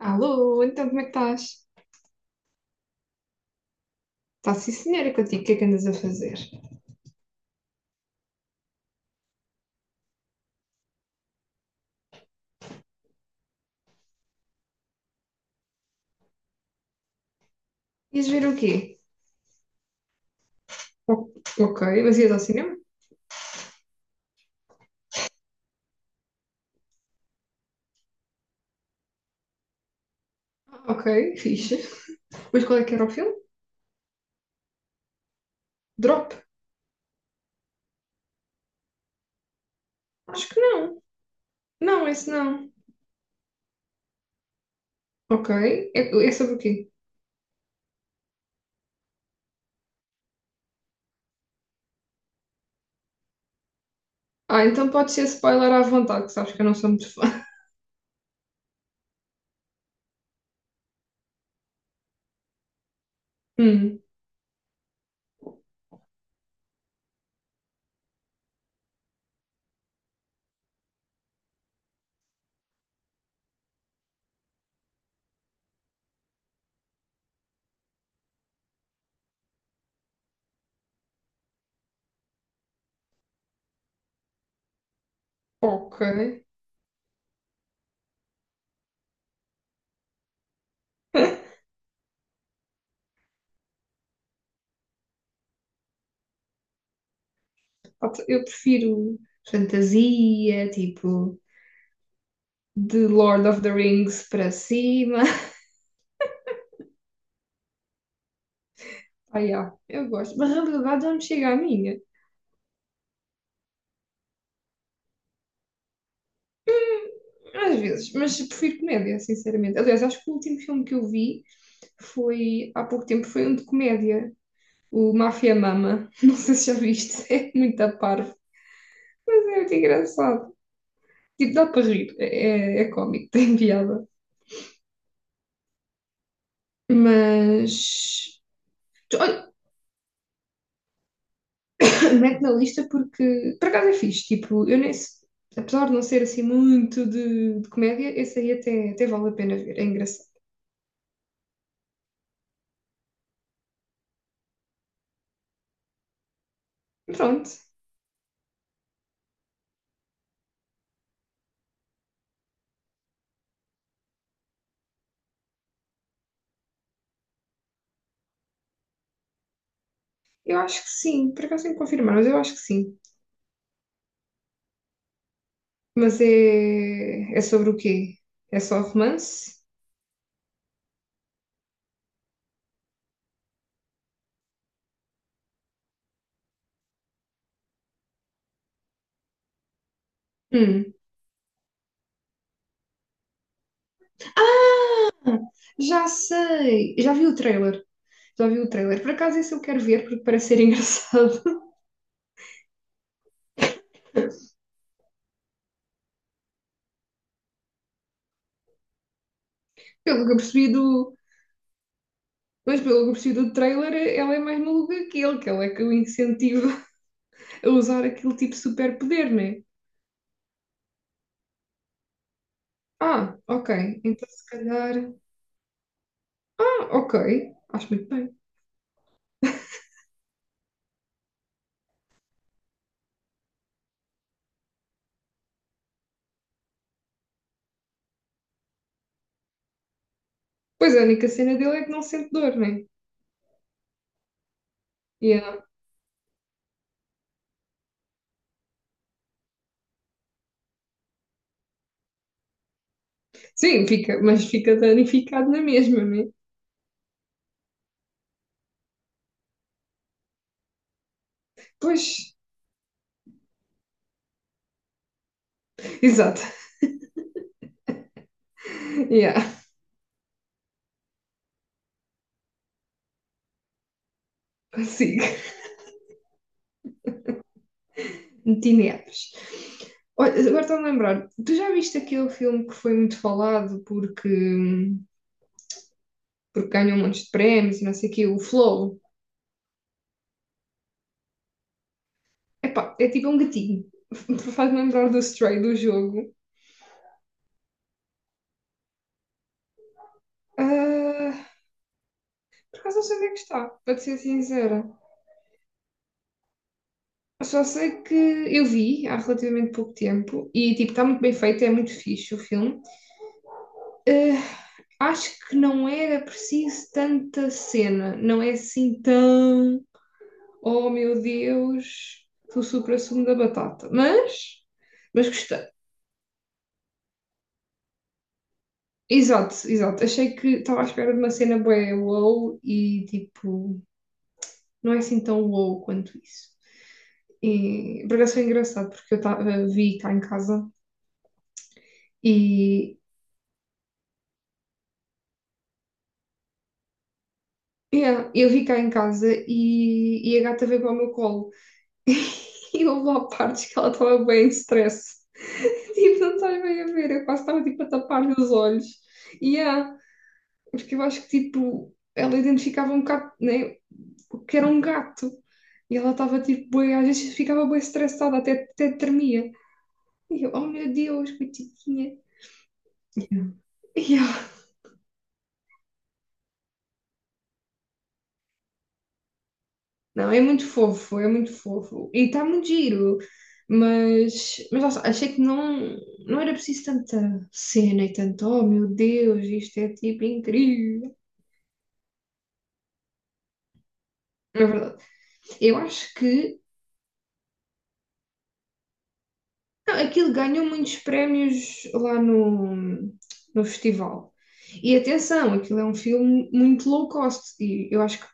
Alô, então como é que estás? Está sim, senhora, contigo, o que é que andas a fazer? Ias ver o quê? O- Ok, mas ias ao cinema? Ah, Ok, fixe. Mas qual é que era o filme? Drop? Acho que não. Não, esse não. Ok, é sobre o quê? Ah, então pode ser spoiler à vontade, que sabes que eu não sou muito fã. Hum, ok. Eu prefiro fantasia, tipo, de Lord of the Rings para cima. Ah, yeah, eu gosto. Mas a realidade não me chega a mim. Às vezes, mas prefiro comédia, sinceramente. Aliás, acho que o último filme que eu vi foi, há pouco tempo, foi um de comédia. O Máfia Mama. Não sei se já viste. É muito parvo, mas é muito engraçado. Tipo, dá para rir. É, é cómico, tem piada. Mas... Olha, mete na lista porque, por acaso é fixe. Tipo, eu nem... Apesar de não ser assim muito de comédia, esse aí até, até vale a pena ver. É engraçado. Pronto. Eu acho que sim. Por acaso tenho que confirmar, mas eu acho que sim. Mas é, é sobre o quê? É só romance? Hum, já sei! Já vi o trailer. Já vi o trailer. Por acaso esse eu quero ver porque parece ser engraçado. Pelo que eu percebi do. Mas pelo que eu percebi do trailer, ela é mais maluca que ele, que ela é que o incentiva a usar aquele tipo de superpoder, não é? Ah, ok. Então se calhar. Ah, ok. Acho muito bem. Pois a única cena dele é que não sente dor, não é? Yeah. Sim, fica, mas fica danificado na mesma, não é? Pois, exato. Yeah, consigo. Metineves. Olha, agora estou-me a lembrar, tu já viste aquele filme que foi muito falado porque, porque ganhou um monte de prémios e não sei o quê, o Flow? Epá, é tipo um gatinho. Faz-me lembrar do Stray do jogo. Ah, por acaso não sei onde é que está, para te ser sincera. Só sei que eu vi há relativamente pouco tempo e tipo, está muito bem feito, é muito fixe o filme. Ah, acho que não era preciso tanta cena, não é assim tão Oh meu Deus, tu supra-sumo da batata. Mas gostei. Exato, exato. Achei que estava à espera de uma cena bué wow e tipo, não é assim tão wow quanto isso. E por acaso foi engraçado porque eu tava, vi cá em casa e yeah, eu vi cá em casa e a gata veio para o meu colo. E houve lá partes que ela estava bem em stress. Tipo, não estás bem a ver, eu quase estava tipo a tapar-lhe os olhos. E yeah, porque eu acho que tipo, ela identificava um bocado, né, o que era um gato. E ela estava tipo, bué, às vezes ficava bem estressada, até, até tremia. E eu, oh meu Deus, coitadinha. E eu, não, é muito fofo, é muito fofo. E está muito giro. Mas lá achei que não, não era preciso tanta cena e tanto, oh meu Deus, isto é tipo incrível. É verdade. Eu acho que Não, aquilo ganhou muitos prémios lá no, no festival. E atenção, aquilo é um filme muito low cost. E eu acho que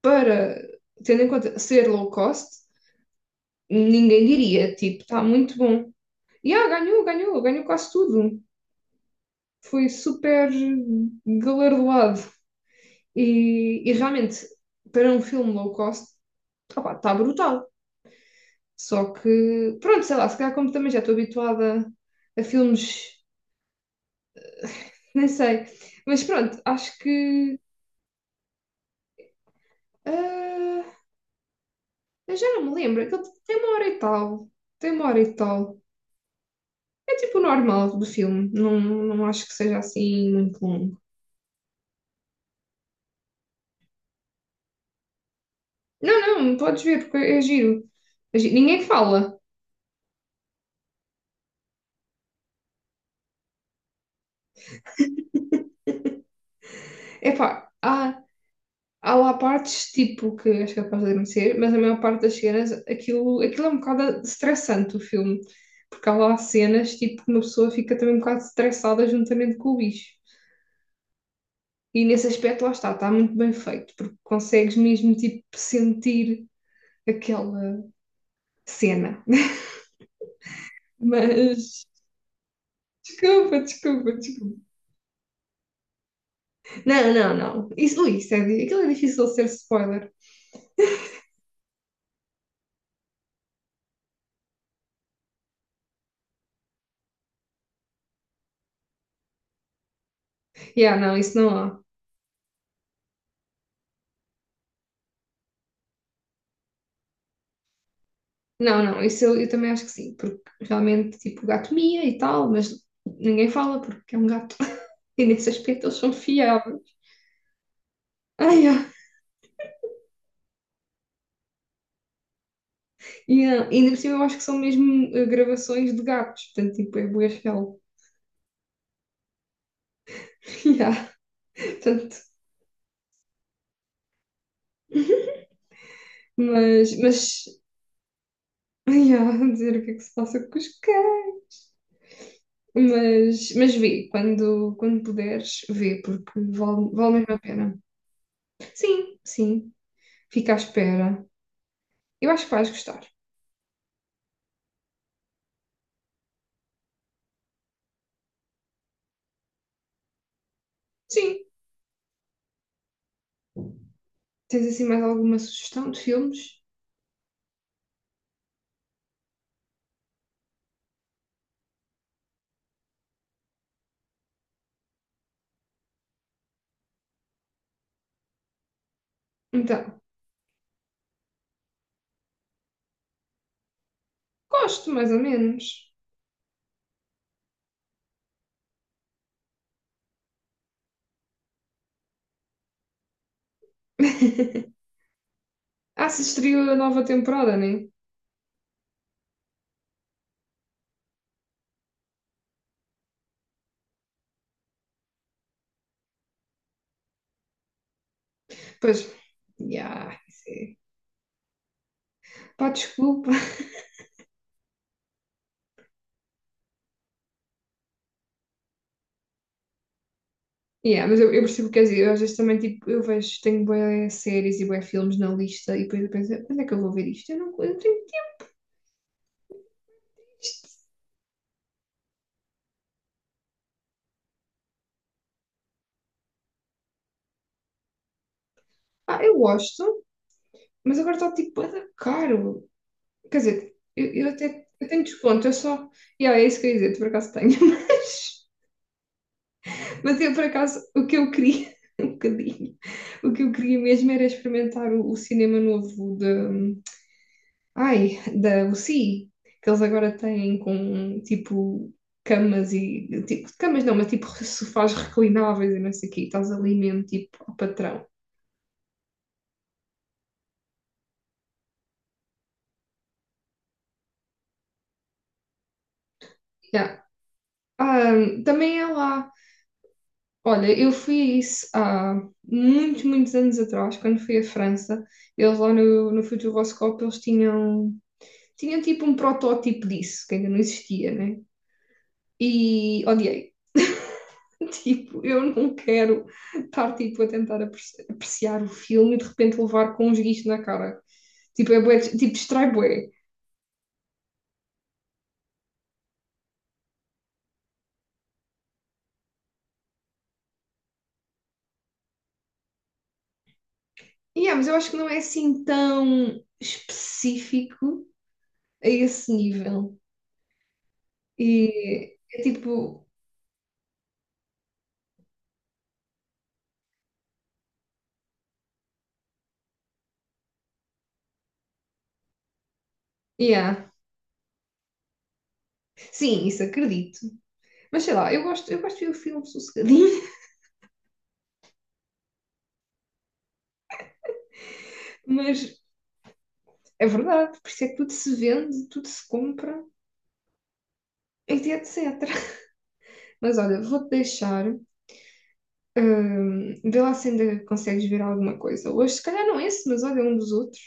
para, tendo em conta ser low cost, ninguém diria, tipo, está muito bom. E ah, ganhou, ganhou, ganhou quase tudo. Foi super galardoado. E realmente, para um filme low cost, está brutal. Só que, pronto, sei lá, se calhar como também já estou habituada a filmes nem sei. Mas pronto, acho que. ah, eu já não me lembro. Aquilo tem uma hora e tal. Tem uma hora e tal. É tipo o normal do filme. Não, não acho que seja assim muito longo. Não, não, podes ver, porque é giro. É Ninguém fala. É pá, há, há lá partes tipo que és capaz de adormecer, mas a maior parte das cenas, aquilo, aquilo é um bocado estressante o filme. Porque há lá cenas tipo que uma pessoa fica também um bocado estressada juntamente com o bicho. E nesse aspecto, lá está, está muito bem feito, porque consegues mesmo, tipo, sentir aquela cena. Mas, desculpa, desculpa, desculpa. Não, não, não. Isso, ui, isso é, aquilo é difícil de ser spoiler. Yeah, não, isso não há. Não, não, isso eu também acho que sim, porque realmente, tipo, o gato mia e tal, mas ninguém fala porque é um gato. E nesse aspecto eles são fiáveis. Ai, ah, yeah. Yeah. E ainda por cima eu acho que são mesmo gravações de gatos, portanto, tipo, é bué real. Yeah. Portanto, mas, ai, há dizer o que é que se passa com os cães. Mas vê, quando, quando puderes, vê, porque vale, vale mesmo a pena. Sim, sim, fica à espera. Eu acho que vais gostar. Sim. Tens assim mais alguma sugestão de filmes? Então, gosto, mais ou menos. Ah, se estreou a nova temporada, né? Pois, já, isso é. Pá, desculpa, yeah, mas eu percebo o que queres dizer. Eu, às vezes também, tipo, eu vejo, tenho bué séries e bué filmes na lista e depois eu penso, quando é que eu vou ver isto? Eu não tenho isto. Ah, eu gosto, mas agora está, tipo, bué da caro. Quer dizer, eu até eu tenho desconto, eu só... Yeah, é isso que eu ia dizer, tu por acaso tenho, mas... Mas eu, por acaso, o que eu queria, um bocadinho, o que eu queria mesmo era experimentar o cinema novo. Ai, da UCI, que eles agora têm com tipo camas e tipo, camas não, mas tipo sofás reclináveis e não sei o quê, estás ali mesmo tipo ao patrão. Yeah. Ah, também é lá. Olha, eu fui a isso há muitos, muitos anos atrás, quando fui à França, eles lá no Futuroscope, eles tinham, tinham tipo um protótipo disso, que ainda não existia, né? E odiei. Tipo, eu não quero estar tipo, a tentar apreciar o filme e de repente levar com um esguicho na cara. Tipo, é bué, tipo, distrai bué. Yeah, mas eu acho que não é assim tão específico a esse nível. E é tipo, yeah. Sim, isso acredito. Mas sei lá, eu gosto de ver o filme sossegadinho, mas é verdade, por isso é que tudo se vende, tudo se compra, etc, etc. Mas olha, vou-te deixar. Vê lá se ainda consegues ver alguma coisa. Hoje, se calhar não esse, mas olha um dos outros.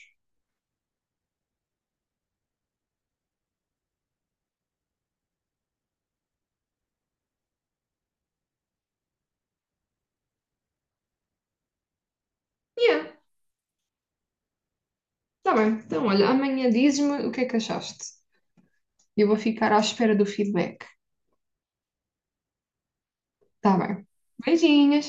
Yeah, tá bem. Então, olha, amanhã dizes-me o que é que achaste. Eu vou ficar à espera do feedback. Tá bem. Beijinhos.